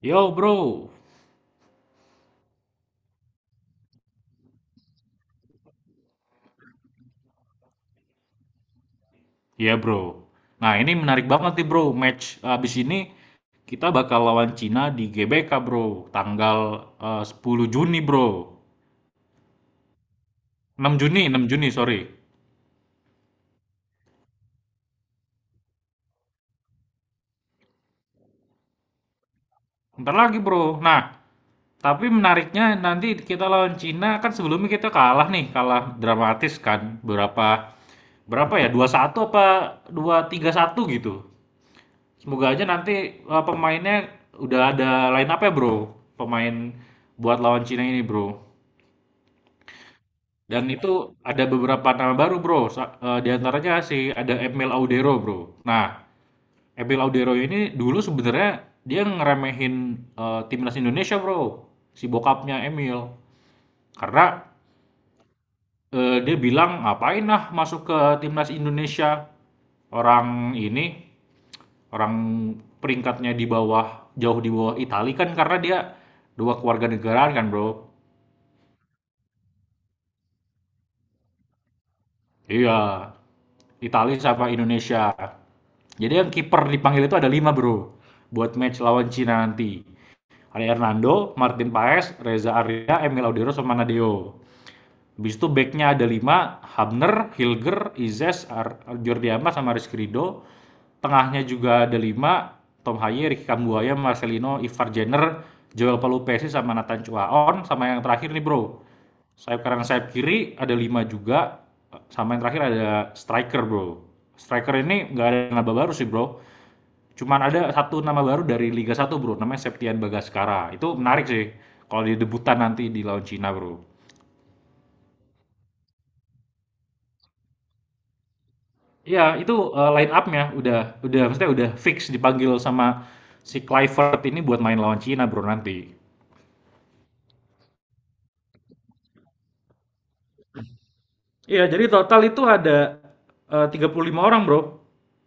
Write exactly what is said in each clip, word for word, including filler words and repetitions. Yo bro, ya bro. Nah ini menarik banget nih bro, match abis ini kita bakal lawan Cina di G B K bro, tanggal eh, 10 Juni bro. Enam Juni, enam Juni sorry. Ntar lagi bro. Nah, tapi menariknya nanti kita lawan Cina kan sebelumnya kita kalah nih, kalah dramatis kan. Berapa, berapa ya, dua satu apa dua tiga satu gitu. Semoga aja nanti eh, pemainnya udah ada line up ya bro, pemain buat lawan Cina ini bro. Dan itu ada beberapa nama baru bro, Sa- eh, di antaranya si ada Emil Audero bro. Nah, Emil Audero ini dulu sebenarnya dia ngeremehin eh, timnas Indonesia bro, si bokapnya Emil. Karena eh, dia bilang ngapain lah masuk ke timnas Indonesia, orang ini orang peringkatnya di bawah, jauh di bawah Italia kan, karena dia dua keluarga negaraan kan bro. Iya, Italia sama Indonesia. Jadi yang kiper dipanggil itu ada lima bro, buat match lawan Cina nanti ada Hernando, Martin Paes, Reza Arya, Emil Audero sama Nadeo. Habis itu backnya ada lima: Hamner, Hilger, Izes, Jordi Amat sama Rizky Ridho. Tengahnya juga ada lima: Tom Haye, Ricky Kambuaya, Marcelino, Ivar Jenner, Joel Palupesi sama Nathan Chuaon. Sama yang terakhir nih bro, sayap kanan sayap kiri ada lima juga. Sama yang terakhir ada striker bro. Striker ini nggak ada nama baru sih bro. Cuman ada satu nama baru dari Liga Satu bro, namanya Septian Bagaskara. Itu menarik sih kalau dia debutan nanti di lawan Cina bro. Iya, itu, eee, line up-nya udah udah maksudnya udah fix dipanggil sama si Kluivert ini buat main lawan Cina, Bro, nanti. Iya, jadi total itu ada, eh, tiga puluh lima orang, Bro.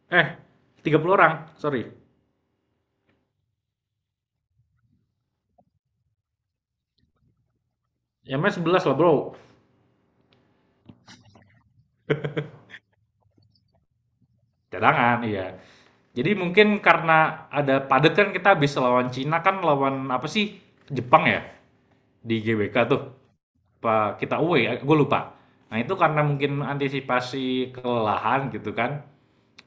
Eh, tiga puluh orang, sorry. Ya main sebelas lah, Bro. Cadangan, iya. Jadi mungkin karena ada padat kan, kita habis lawan Cina kan lawan apa sih, Jepang ya? Di G W K tuh. Apa kita away ya? Gue lupa. Nah, itu karena mungkin antisipasi kelelahan gitu kan.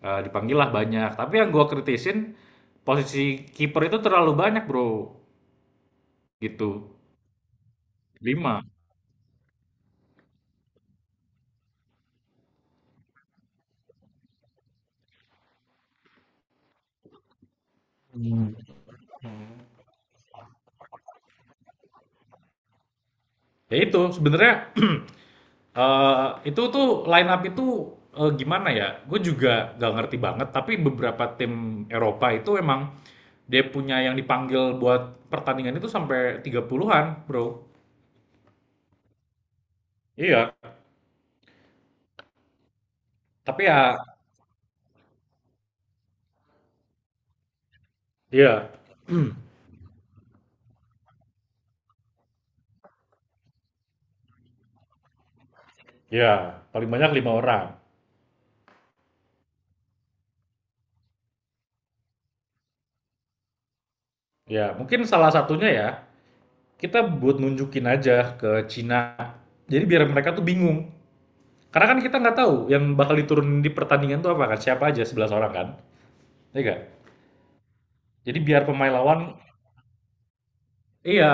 Eee, dipanggil lah banyak, tapi yang gua kritisin, posisi kiper itu terlalu banyak Bro, gitu, lima. Mmm. Ya itu, sebenarnya, eee, itu tuh line up itu, eee, gimana ya, gue juga gak ngerti banget, tapi beberapa tim Eropa itu emang dia punya yang dipanggil buat pertandingan itu sampai tiga puluhan-an Bro. Iya, tapi ya, iya, iya, paling banyak lima orang. Ya, mungkin salah satunya ya, kita buat nunjukin aja ke Cina. Jadi biar mereka tuh bingung. Karena kan kita nggak tahu yang bakal diturunin di pertandingan tuh apa kan, siapa aja sebelas orang kan, iya nggak? Jadi biar pemain lawan, iya,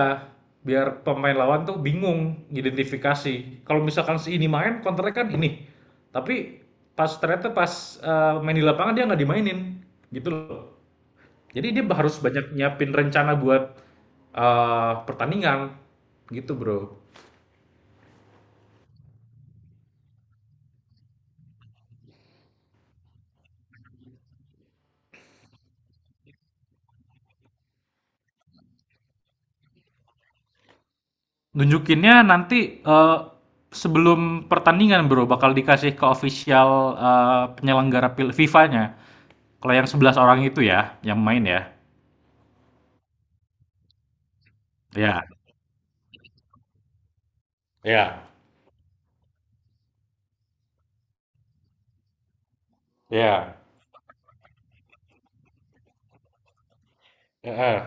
biar pemain lawan tuh bingung identifikasi. Kalau misalkan si ini main, counternya kan ini. Tapi pas ternyata, pas eh, main di lapangan dia nggak dimainin, gitu loh. Jadi dia harus banyak nyiapin rencana buat eh, pertandingan, gitu bro. Nunjukinnya nanti, eee, sebelum pertandingan Bro, bakal dikasih ke official, eee, penyelenggara pil FIFA-nya. Kalau yang sebelas orang itu ya, yang main ya. Ya, ya, ya, heeh.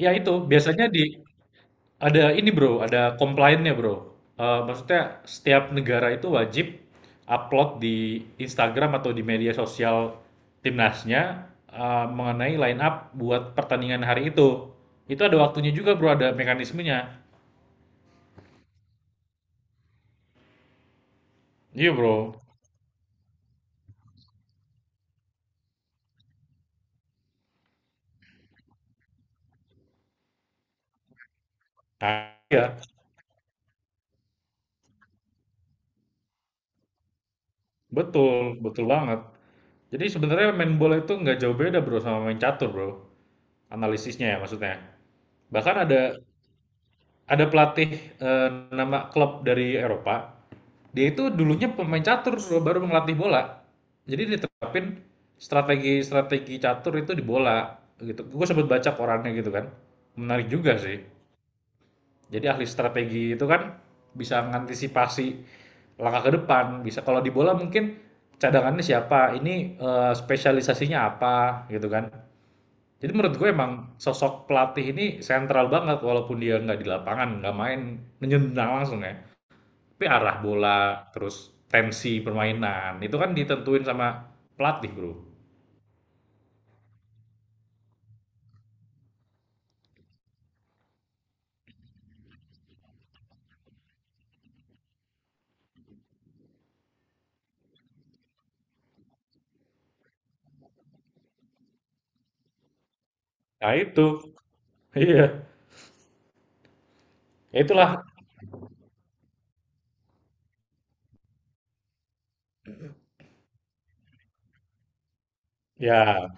Iya itu, biasanya di ada ini Bro, ada complainnya Bro. Eee, maksudnya setiap negara itu wajib upload di Instagram atau di media sosial timnasnya, eee, mengenai line up buat pertandingan hari itu. Itu ada waktunya juga Bro, ada mekanismenya. Iya bro. Ah, iya, betul, betul banget. Jadi sebenarnya main bola itu nggak jauh beda bro sama main catur bro, analisisnya ya maksudnya. Bahkan ada ada pelatih eh, nama klub dari Eropa, dia itu dulunya pemain catur bro, baru ngelatih bola. Jadi diterapin strategi-strategi catur itu di bola gitu. Gue sempat baca korannya gitu kan, menarik juga sih. Jadi ahli strategi itu kan bisa mengantisipasi langkah ke depan. Bisa kalau di bola mungkin cadangannya siapa, ini eh, spesialisasinya apa gitu kan. Jadi menurut gue emang sosok pelatih ini sentral banget walaupun dia nggak di lapangan, nggak main nendang langsung ya. Tapi arah bola, terus tensi permainan itu kan ditentuin sama pelatih bro. Nah itu, iya. Ya, itulah ya.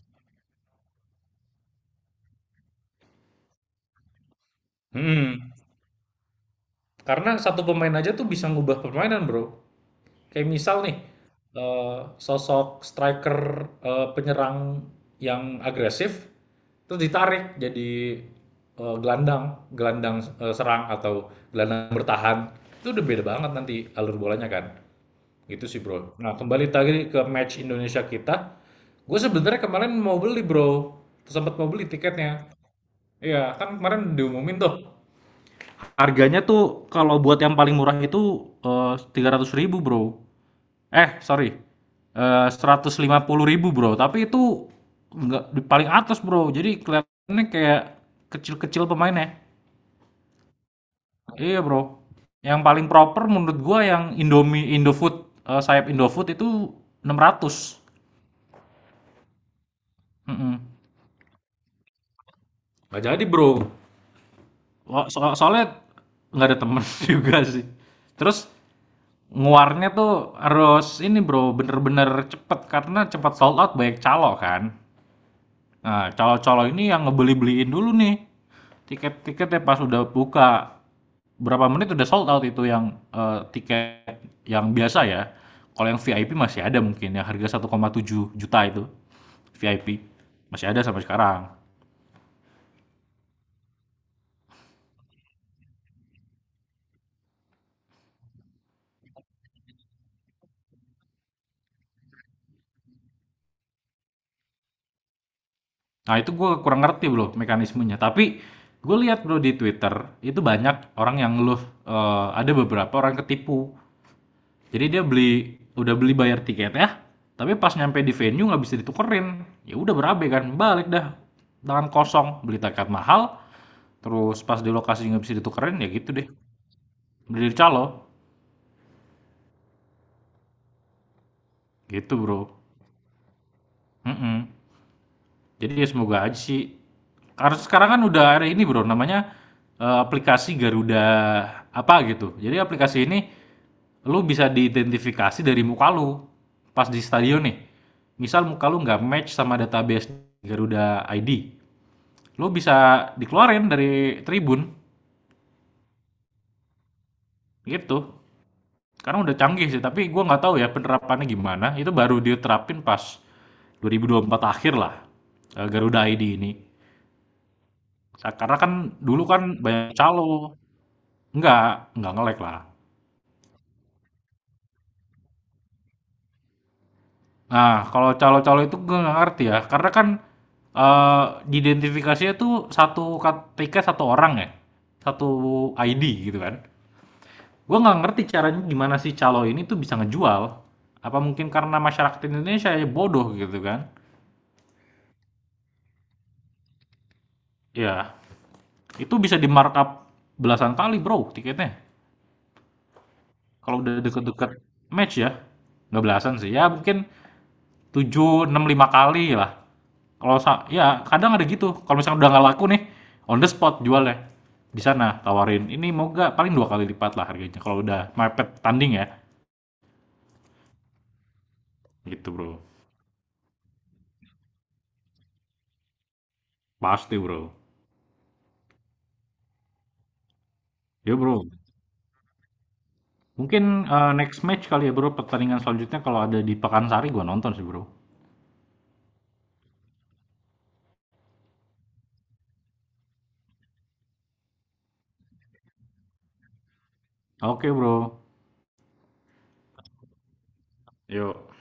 Hmm. Karena satu pemain aja tuh bisa ngubah permainan bro. Kayak misal nih, eh, sosok striker eh, penyerang yang agresif, terus ditarik jadi eh, gelandang, gelandang eh, serang atau gelandang bertahan, itu udah beda banget nanti alur bolanya kan. Gitu sih bro. Nah kembali tadi ke match Indonesia kita, gue sebenarnya kemarin mau beli bro, sempat mau beli tiketnya. Iya, kan kemarin diumumin tuh. Harganya tuh kalau buat yang paling murah itu tiga ratus ribu bro. Eh, sorry, eee, ribu Bro, tapi itu nggak di paling atas Bro, jadi kelihatannya kayak kecil-kecil pemainnya. Iya Bro, yang paling proper menurut gua yang Indomie Indofood, eee, sayap Indofood itu enam ratus. Mhm. Nggak jadi Bro, wa so soalnya nggak ada temen juga sih. Terus nguarnya tuh harus ini Bro, bener-bener cepet, karena cepet sold out banyak calo kan. Nah, calo-calo ini yang ngebeli-beliin dulu nih. Tiket-tiketnya pas udah buka. Berapa menit udah sold out itu yang eh, tiket yang biasa ya. Kalau yang V I P masih ada mungkin yang harga satu koma tujuh juta itu. V I P masih ada sampai sekarang. Nah, itu gue kurang ngerti bro mekanismenya. Tapi gue lihat bro di Twitter itu banyak orang yang ngeluh, eh, ada beberapa orang ketipu, jadi dia beli udah beli bayar tiket ya, tapi pas nyampe di venue nggak bisa ditukerin, ya udah berabe kan, balik dah tangan kosong beli tiket mahal. Terus pas di lokasi nggak bisa ditukerin, ya gitu deh, beli dari calo gitu bro. Mm-mm. Jadi ya semoga aja sih. Karena sekarang kan udah ada ini bro, namanya eh, aplikasi Garuda apa gitu. Jadi aplikasi ini lu bisa diidentifikasi dari muka lu pas di stadion nih. Misal muka lu nggak match sama database Garuda I D, lu bisa dikeluarin dari tribun gitu. Karena udah canggih sih, tapi gue nggak tahu ya penerapannya gimana. Itu baru diterapin pas dua ribu dua puluh empat akhir lah, eh, Garuda I D ini. Nah, karena kan dulu kan banyak calo. Enggak, enggak nge-lag lah. Nah, kalau calo-calo itu gue nggak ngerti ya. Karena kan eh diidentifikasinya tuh satu K T K satu orang ya. Satu I D gitu kan. Gue nggak ngerti caranya gimana sih calo ini tuh bisa ngejual. Apa mungkin karena masyarakat Indonesia ya bodoh gitu kan. Ya, itu bisa di markup belasan kali bro tiketnya. Kalau udah deket-deket match ya. Nggak belasan sih. Ya mungkin tujuh enam lima kali lah. Kalau sa ya kadang ada gitu. Kalau misalkan udah nggak laku nih, on the spot jualnya. Di sana tawarin, ini mau nggak? Paling dua kali lipat lah harganya. Kalau udah mepet tanding ya. Gitu bro. Pasti bro. Yo bro. Mungkin eh, next match kali ya bro. Pertandingan selanjutnya kalau ada di Pekansari gua nonton sih bro. Oke bro. Yuk.